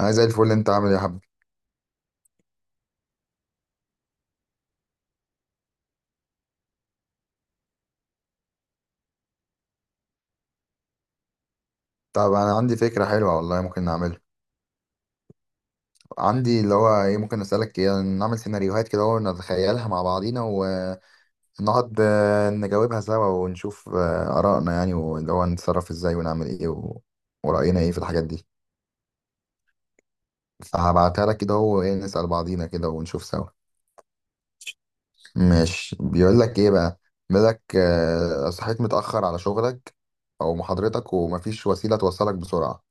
انا زي الفل. انت عامل ايه يا حبيبي؟ طب انا عندي فكره حلوه والله، ممكن نعملها. عندي اللي هو ايه، ممكن اسالك، ايه نعمل سيناريوهات كده ونتخيلها مع بعضينا ونقعد، نجاوبها سوا ونشوف ارائنا يعني، واللي هو نتصرف ازاي ونعمل ايه وراينا ايه في الحاجات دي. فهبعتها لك كده، هو ايه، نسال بعضينا كده ونشوف سوا. ماشي، بيقول لك ايه بقى؟ بيقول لك صحيت متاخر على شغلك او محاضرتك، ومفيش وسيله توصلك بسرعه،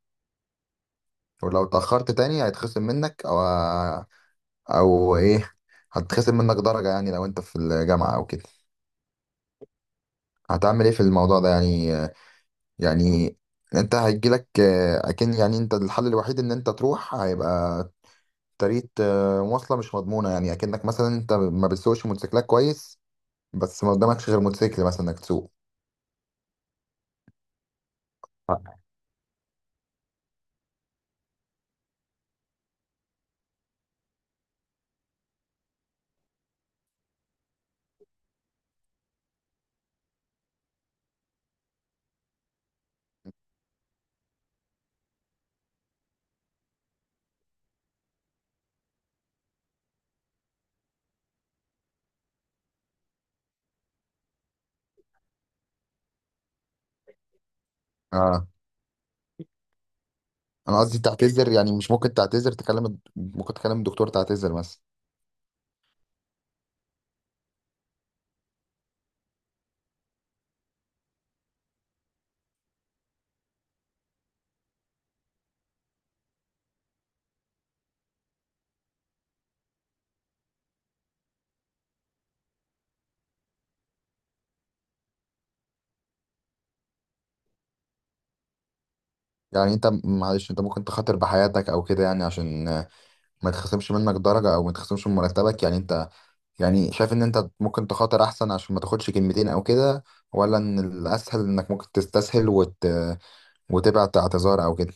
ولو اتاخرت تاني هيتخصم منك، او ايه، هتخصم منك درجة، يعني لو انت في الجامعة او كده. هتعمل ايه في الموضوع ده يعني انت هيجيلك اكن يعني انت الحل الوحيد ان انت تروح، هيبقى طريقة مواصلة مش مضمونة، يعني اكنك مثلا انت ما بتسوقش موتوسيكلات كويس، بس ما قدامكش غير موتوسيكل مثلا انك تسوق. اه، انا قصدي تعتذر، يعني مش ممكن تعتذر تكلم، ممكن تكلم الدكتور تعتذر مثلا. يعني انت معلش، انت ممكن تخاطر بحياتك او كده يعني عشان ما يتخصمش منك درجة او ما يتخصمش من مرتبك، يعني انت يعني شايف ان انت ممكن تخاطر احسن عشان ما تاخدش كلمتين او كده؟ ولا ان الاسهل انك ممكن تستسهل وتبعت اعتذار او كده؟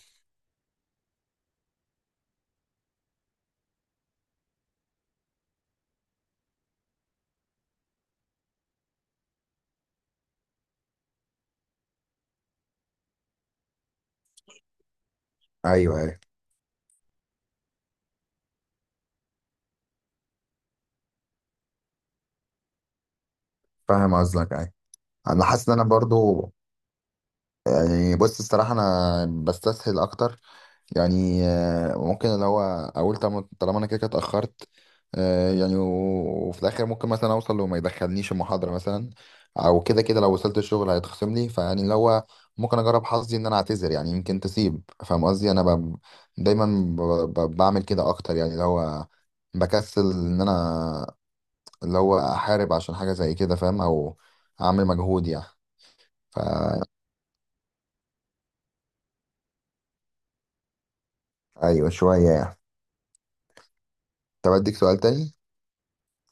ايوه، ايوه، فاهم قصدك. ايوه، انا حاسس ان انا برضو يعني، بص الصراحه انا بستسهل اكتر، يعني ممكن اللي هو اقول طالما انا كده كده اتاخرت، يعني وفي الاخر ممكن مثلا اوصل وما يدخلنيش المحاضره مثلا، او كده كده لو وصلت الشغل هيتخصم لي، فيعني اللي هو ممكن اجرب حظي ان انا اعتذر، يعني يمكن تسيب، فاهم قصدي؟ انا دايما ب... بعمل كده اكتر، يعني اللي هو بكسل ان انا اللي هو احارب عشان حاجه زي كده، فاهم؟ او اعمل مجهود يعني. فا ايوه، شويه يعني. طب اديك سؤال تاني،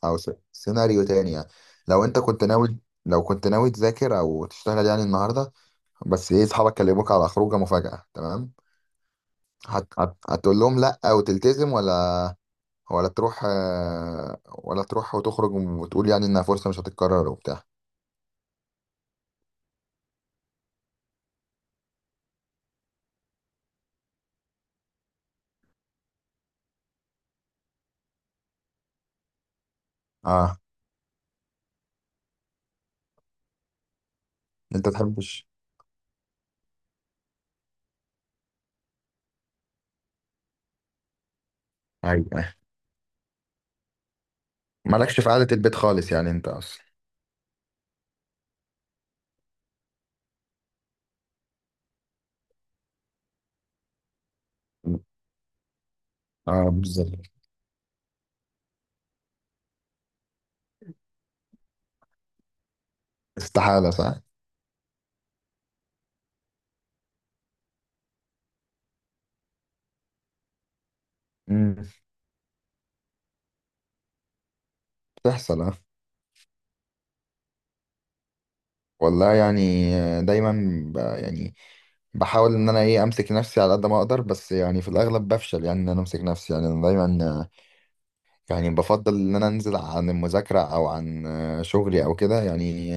او س- سيناريو تاني يعني. لو انت كنت ناوي، لو كنت ناوي تذاكر او تشتغل يعني النهارده، بس ايه، اصحابك كلموك على خروجه مفاجأة تمام، هتقول لهم لا وتلتزم، ولا ولا تروح آه، ولا تروح وتخرج وتقول يعني انها فرصة مش هتتكرر وبتاع؟ اه، انت تحبش؟ ايوه. مالكش في قعدة البيت خالص يعني انت اصلا. اه، بالظبط. استحالة صح؟ امم. بتحصل، اه. والله يعني، دايما يعني بحاول ان انا ايه امسك نفسي على قد ما اقدر، بس يعني في الاغلب بفشل يعني ان انا امسك نفسي، يعني انا دايما يعني بفضل ان انا انزل عن المذاكره او عن شغلي او كده يعني.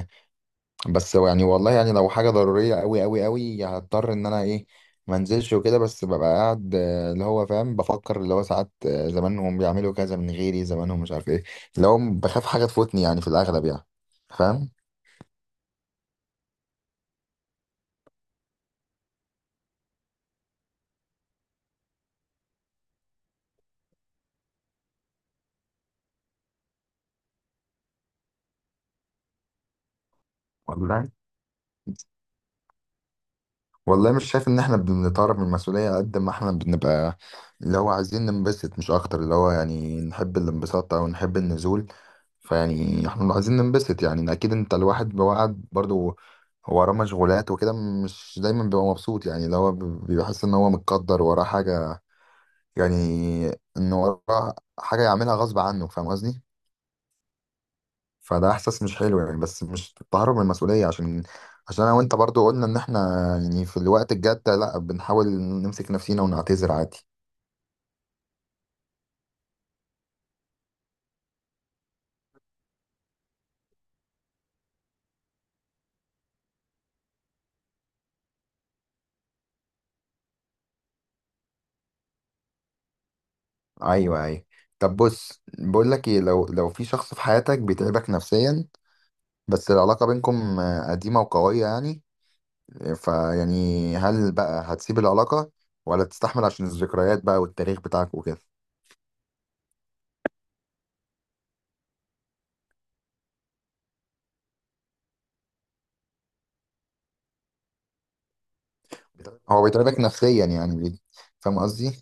بس يعني والله يعني لو حاجه ضروريه قوي قوي قوي هضطر ان انا ايه ما انزلش وكده، بس ببقى قاعد اللي هو فاهم، بفكر اللي هو ساعات زمانهم بيعملوا كذا من غيري، زمانهم مش عارف ايه، اللي هو بخاف حاجه تفوتني يعني في الاغلب يعني، فاهم؟ والله، والله مش شايف ان احنا بنتهرب من المسؤولية، قد ما احنا بنبقى اللي هو عايزين ننبسط مش اكتر، اللي هو يعني نحب الانبساط او نحب النزول. فيعني احنا عايزين ننبسط يعني، اكيد انت الواحد بيوعد برضو هو وراه مشغولات وكده، مش دايما بيبقى مبسوط يعني، اللي هو بيحس ان هو متقدر وراه حاجة، يعني ان وراه حاجة يعملها غصب عنه، فاهم قصدي؟ فده احساس مش حلو يعني، بس مش تهرب من المسؤوليه، عشان انا وانت برضو قلنا ان احنا يعني في الوقت الجد ده لا بنحاول نمسك نفسينا ونعتذر عادي. ايوه، ايوه. طب بص، بقول لك ايه، لو في شخص في حياتك بيتعبك نفسيا، بس العلاقه بينكم قديمه وقويه يعني، فيعني هل بقى هتسيب العلاقه ولا تستحمل عشان الذكريات بقى والتاريخ بتاعك وكده؟ هو بيتعبك نفسيا يعني فاهم قصدي؟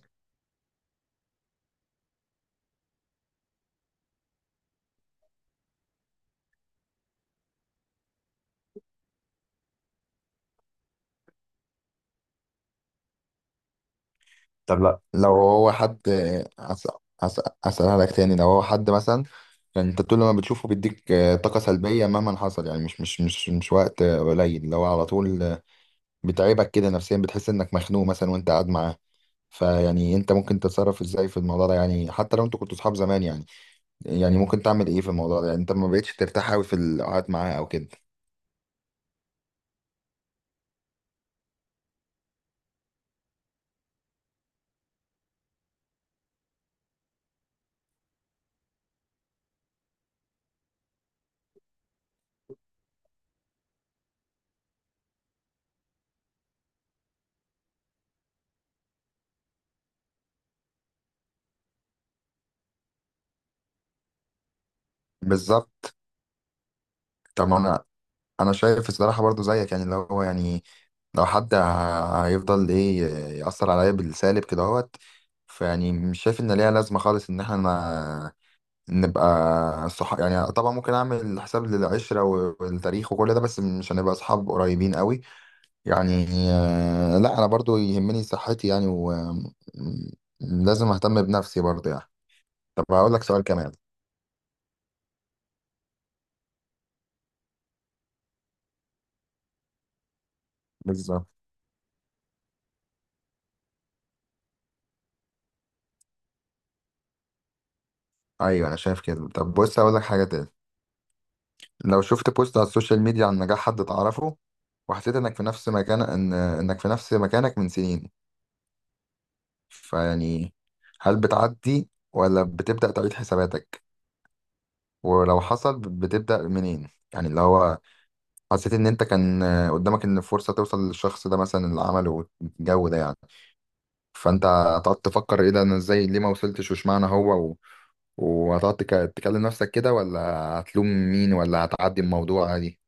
طب لا، لو هو حد، أس- أسألها لك تاني، لو هو حد مثلا يعني انت طول ما بتشوفه بيديك طاقة سلبية مهما حصل، يعني مش وقت قليل، لو على طول بتعبك كده نفسيا، بتحس انك مخنوق مثلا وانت قاعد معاه، فيعني انت ممكن تتصرف ازاي في الموضوع ده يعني، حتى لو انتوا كنتوا صحاب زمان يعني؟ يعني ممكن تعمل ايه في الموضوع ده يعني، انت ما بقتش ترتاح قوي في القعد معاه او كده؟ بالظبط، طبعا. انا شايف الصراحه برضو زيك يعني، اللي هو يعني لو حد هيفضل ايه، يأثر عليا بالسالب كده اهوت، فيعني مش شايف ان ليها لازمه خالص ان احنا نبقى صح يعني، طبعا ممكن اعمل حساب للعشره والتاريخ وكل ده، بس مش هنبقى اصحاب قريبين قوي يعني، لا انا برضو يهمني صحتي يعني، ولازم اهتم بنفسي برضو يعني. طب هقول لك سؤال كمان. بالظبط. ايوه، انا شايف كده. طب بص، هقول لك حاجه تاني، لو شفت بوست على السوشيال ميديا عن نجاح حد تعرفه، وحسيت انك في نفس مكان، ان انك في نفس مكانك من سنين، فيعني هل بتعدي ولا بتبدأ تعيد حساباتك؟ ولو حصل بتبدأ منين؟ يعني اللي هو حسيت ان انت كان قدامك ان فرصة توصل للشخص ده مثلا اللي عمله الجو ده يعني، فانت هتقعد تفكر ايه ده، انا ازاي، ليه ما وصلتش وش معنى، هو وهتقعد تكلم نفسك كده، ولا هتلوم مين، ولا هتعدي الموضوع عادي؟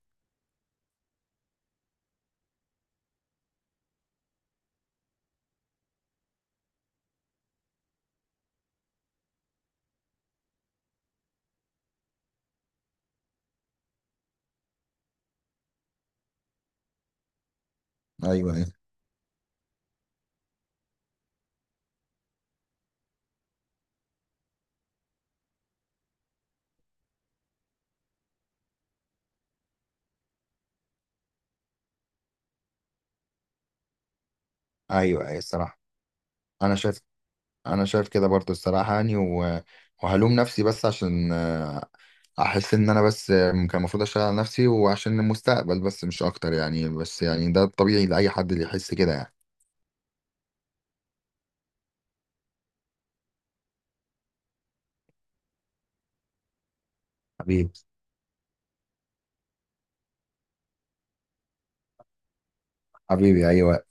ايوه، ايوه. ايوه الصراحة. انا شايف، انا شايف كده برضو الصراحه يعني، وهلوم نفسي بس عشان احس ان انا بس كان المفروض اشتغل على نفسي وعشان المستقبل، بس مش اكتر يعني، بس يعني ده الطبيعي لاي حد اللي يحس كده يعني. حبيبي، حبيبي، ايوه.